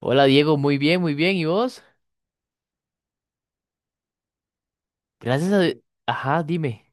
Hola Diego, muy bien, muy bien. ¿Y vos? Gracias. Sí. Ajá, dime.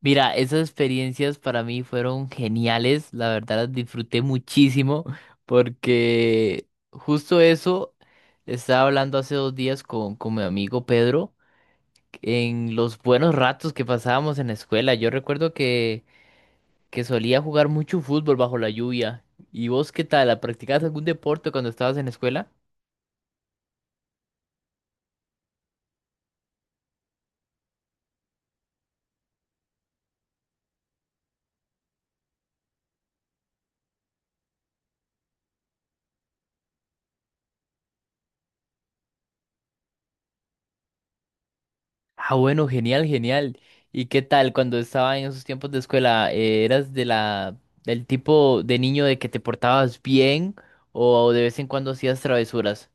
Mira, esas experiencias para mí fueron geniales, la verdad las disfruté muchísimo porque justo eso estaba hablando hace 2 días con mi amigo Pedro en los buenos ratos que pasábamos en la escuela. Yo recuerdo que solía jugar mucho fútbol bajo la lluvia. ¿Y vos qué tal? ¿Practicabas algún deporte cuando estabas en la escuela? Ah, bueno, genial, genial. ¿Y qué tal cuando estaba en esos tiempos de escuela? ¿Eras de la del tipo de niño de que te portabas bien o de vez en cuando hacías travesuras?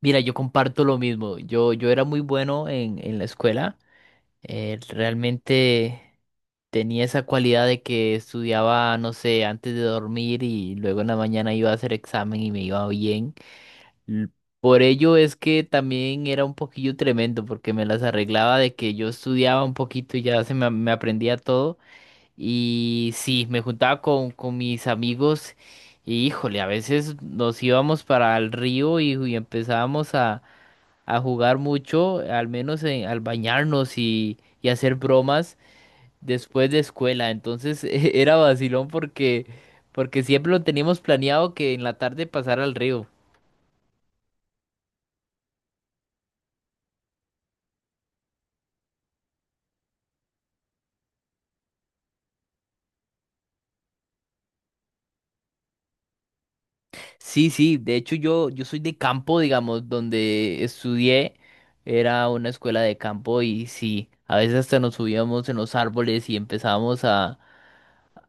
Mira, yo comparto lo mismo. Yo era muy bueno en la escuela. Realmente tenía esa cualidad de que estudiaba, no sé, antes de dormir y luego en la mañana iba a hacer examen y me iba bien. L- Por ello es que también era un poquillo tremendo, porque me las arreglaba de que yo estudiaba un poquito y ya se me aprendía todo. Y sí, me juntaba con mis amigos y híjole, a veces nos íbamos para el río y empezábamos a jugar mucho, al menos al bañarnos y hacer bromas después de escuela. Entonces era vacilón porque siempre lo teníamos planeado que en la tarde pasar al río. Sí, sí, de hecho yo soy de campo, digamos, donde estudié, era una escuela de campo y sí, a veces hasta nos subíamos en los árboles y empezábamos a,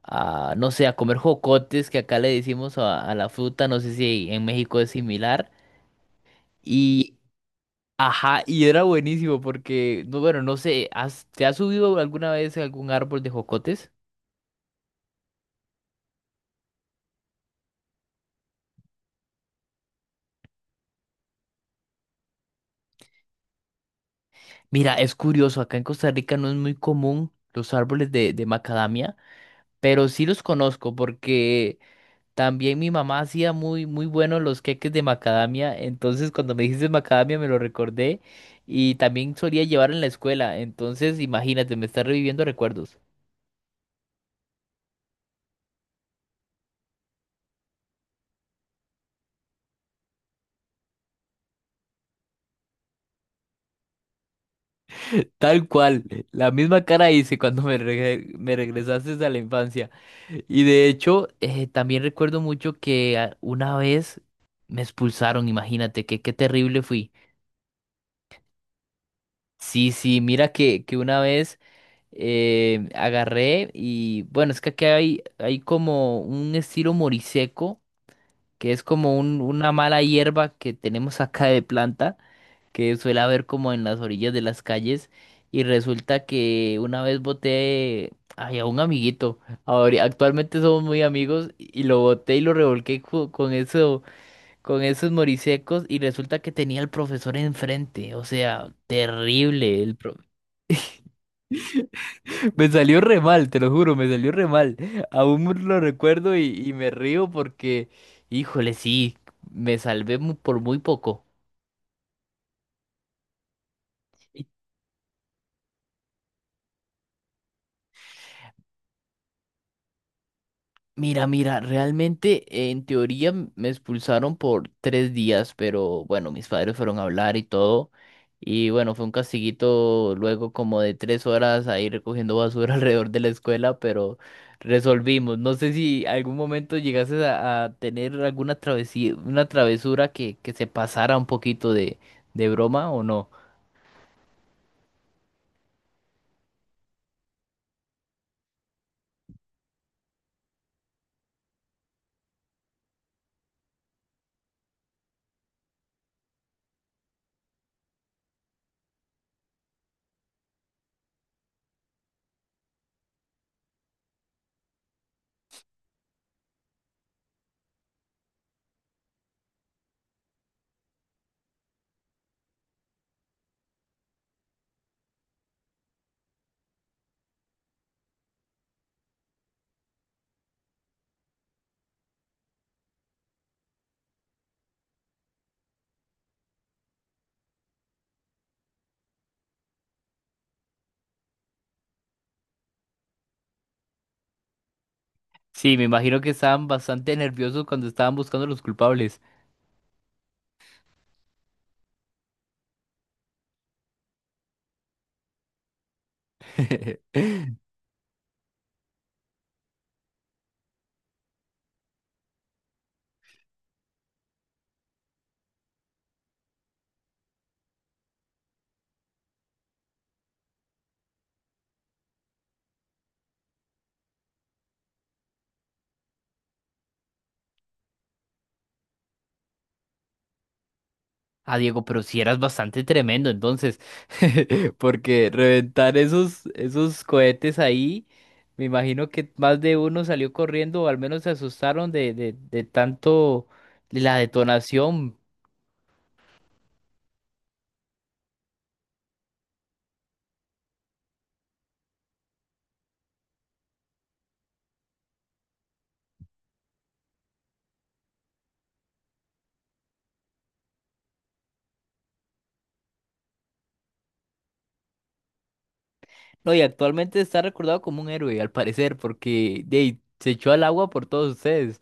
a, no sé, a comer jocotes, que acá le decimos a la fruta, no sé si en México es similar, y, ajá, y era buenísimo porque, no, bueno, no sé, ¿te has subido alguna vez a algún árbol de jocotes? Mira, es curioso, acá en Costa Rica no es muy común los árboles de macadamia. Pero sí los conozco porque también mi mamá hacía muy, muy buenos los queques de macadamia, entonces cuando me dijiste macadamia me lo recordé y también solía llevar en la escuela, entonces imagínate, me está reviviendo recuerdos. Tal cual, la misma cara hice cuando me regresaste a la infancia. Y de hecho, también recuerdo mucho que una vez me expulsaron, imagínate, que qué terrible fui. Sí, sí, mira que una vez agarré y bueno, es que aquí hay como un estilo moriseco, que es como un- una mala hierba que tenemos acá de planta, que suele haber como en las orillas de las calles. Y resulta que una vez boté ay, a un amiguito, ahora, actualmente somos muy amigos, y lo boté y lo revolqué con eso, con esos morisecos y resulta que tenía al profesor enfrente, o sea, terrible. Me salió re mal, te lo juro, me salió re mal. Aún lo recuerdo y me río porque, híjole, sí, me salvé por muy poco. Mira, mira, realmente en teoría me expulsaron por 3 días, pero bueno, mis padres fueron a hablar y todo. Y bueno, fue un castiguito luego como de 3 horas ahí recogiendo basura alrededor de la escuela, pero resolvimos. No sé si algún momento llegases a tener alguna travesía, una travesura que se pasara un poquito de broma o no. Sí, me imagino que estaban bastante nerviosos cuando estaban buscando los culpables. Ah, Diego, pero si eras bastante tremendo, entonces, porque reventar esos cohetes ahí, me imagino que más de uno salió corriendo o al menos se asustaron de tanto de la detonación. No, y actualmente está recordado como un héroe, al parecer, porque ahí, se echó al agua por todos ustedes.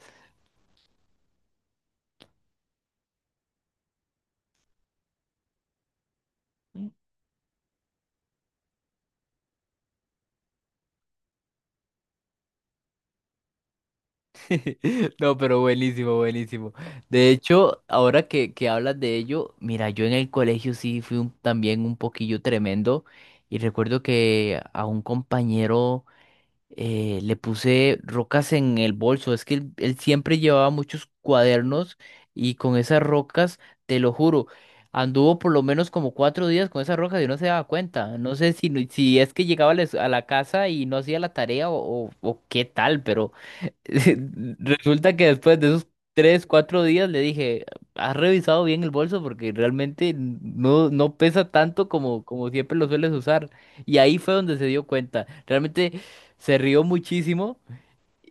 No, pero buenísimo, buenísimo. De hecho, ahora que hablas de ello, mira, yo en el colegio sí fui también un poquillo tremendo y recuerdo que a un compañero le puse rocas en el bolso. Es que él siempre llevaba muchos cuadernos y con esas rocas, te lo juro, anduvo por lo menos como 4 días con esas rocas y no se daba cuenta. No sé si, si es que llegaba a la casa y no hacía la tarea o qué tal, pero resulta que después de esos 3, 4 días le dije, ¿has revisado bien el bolso? Porque realmente no, no pesa tanto como siempre lo sueles usar. Y ahí fue donde se dio cuenta. Realmente se rió muchísimo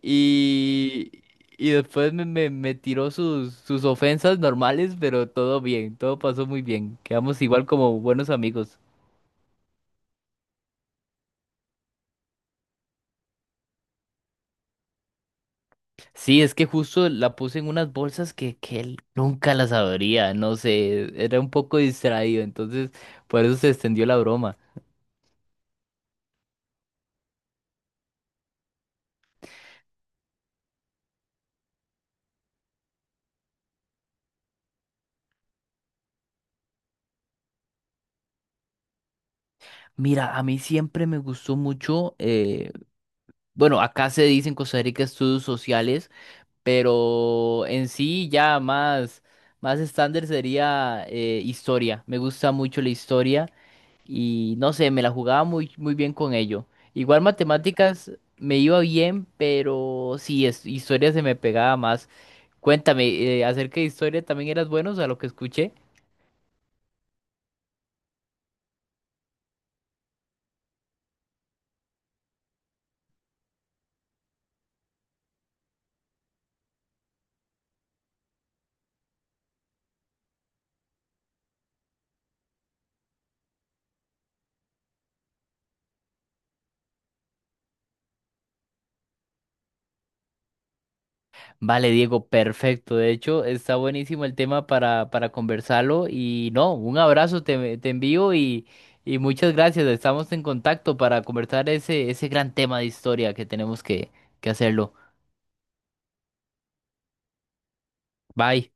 y, y después me tiró sus ofensas normales, pero todo bien, todo pasó muy bien. Quedamos igual como buenos amigos. Sí, es que justo la puse en unas bolsas que él nunca las abría, no sé, era un poco distraído, entonces por eso se extendió la broma. Mira, a mí siempre me gustó mucho, bueno, acá se dice en Costa Rica estudios sociales. Pero en sí ya más, estándar sería historia. Me gusta mucho la historia y no sé, me la jugaba muy, muy bien con ello. Igual matemáticas me iba bien, pero sí, historia se me pegaba más. Cuéntame, acerca de historia, ¿también eras bueno a lo que escuché? Vale, Diego, perfecto. De hecho, está buenísimo el tema para conversarlo. Y no, un abrazo te envío y muchas gracias. Estamos en contacto para conversar ese gran tema de historia que tenemos que hacerlo. Bye.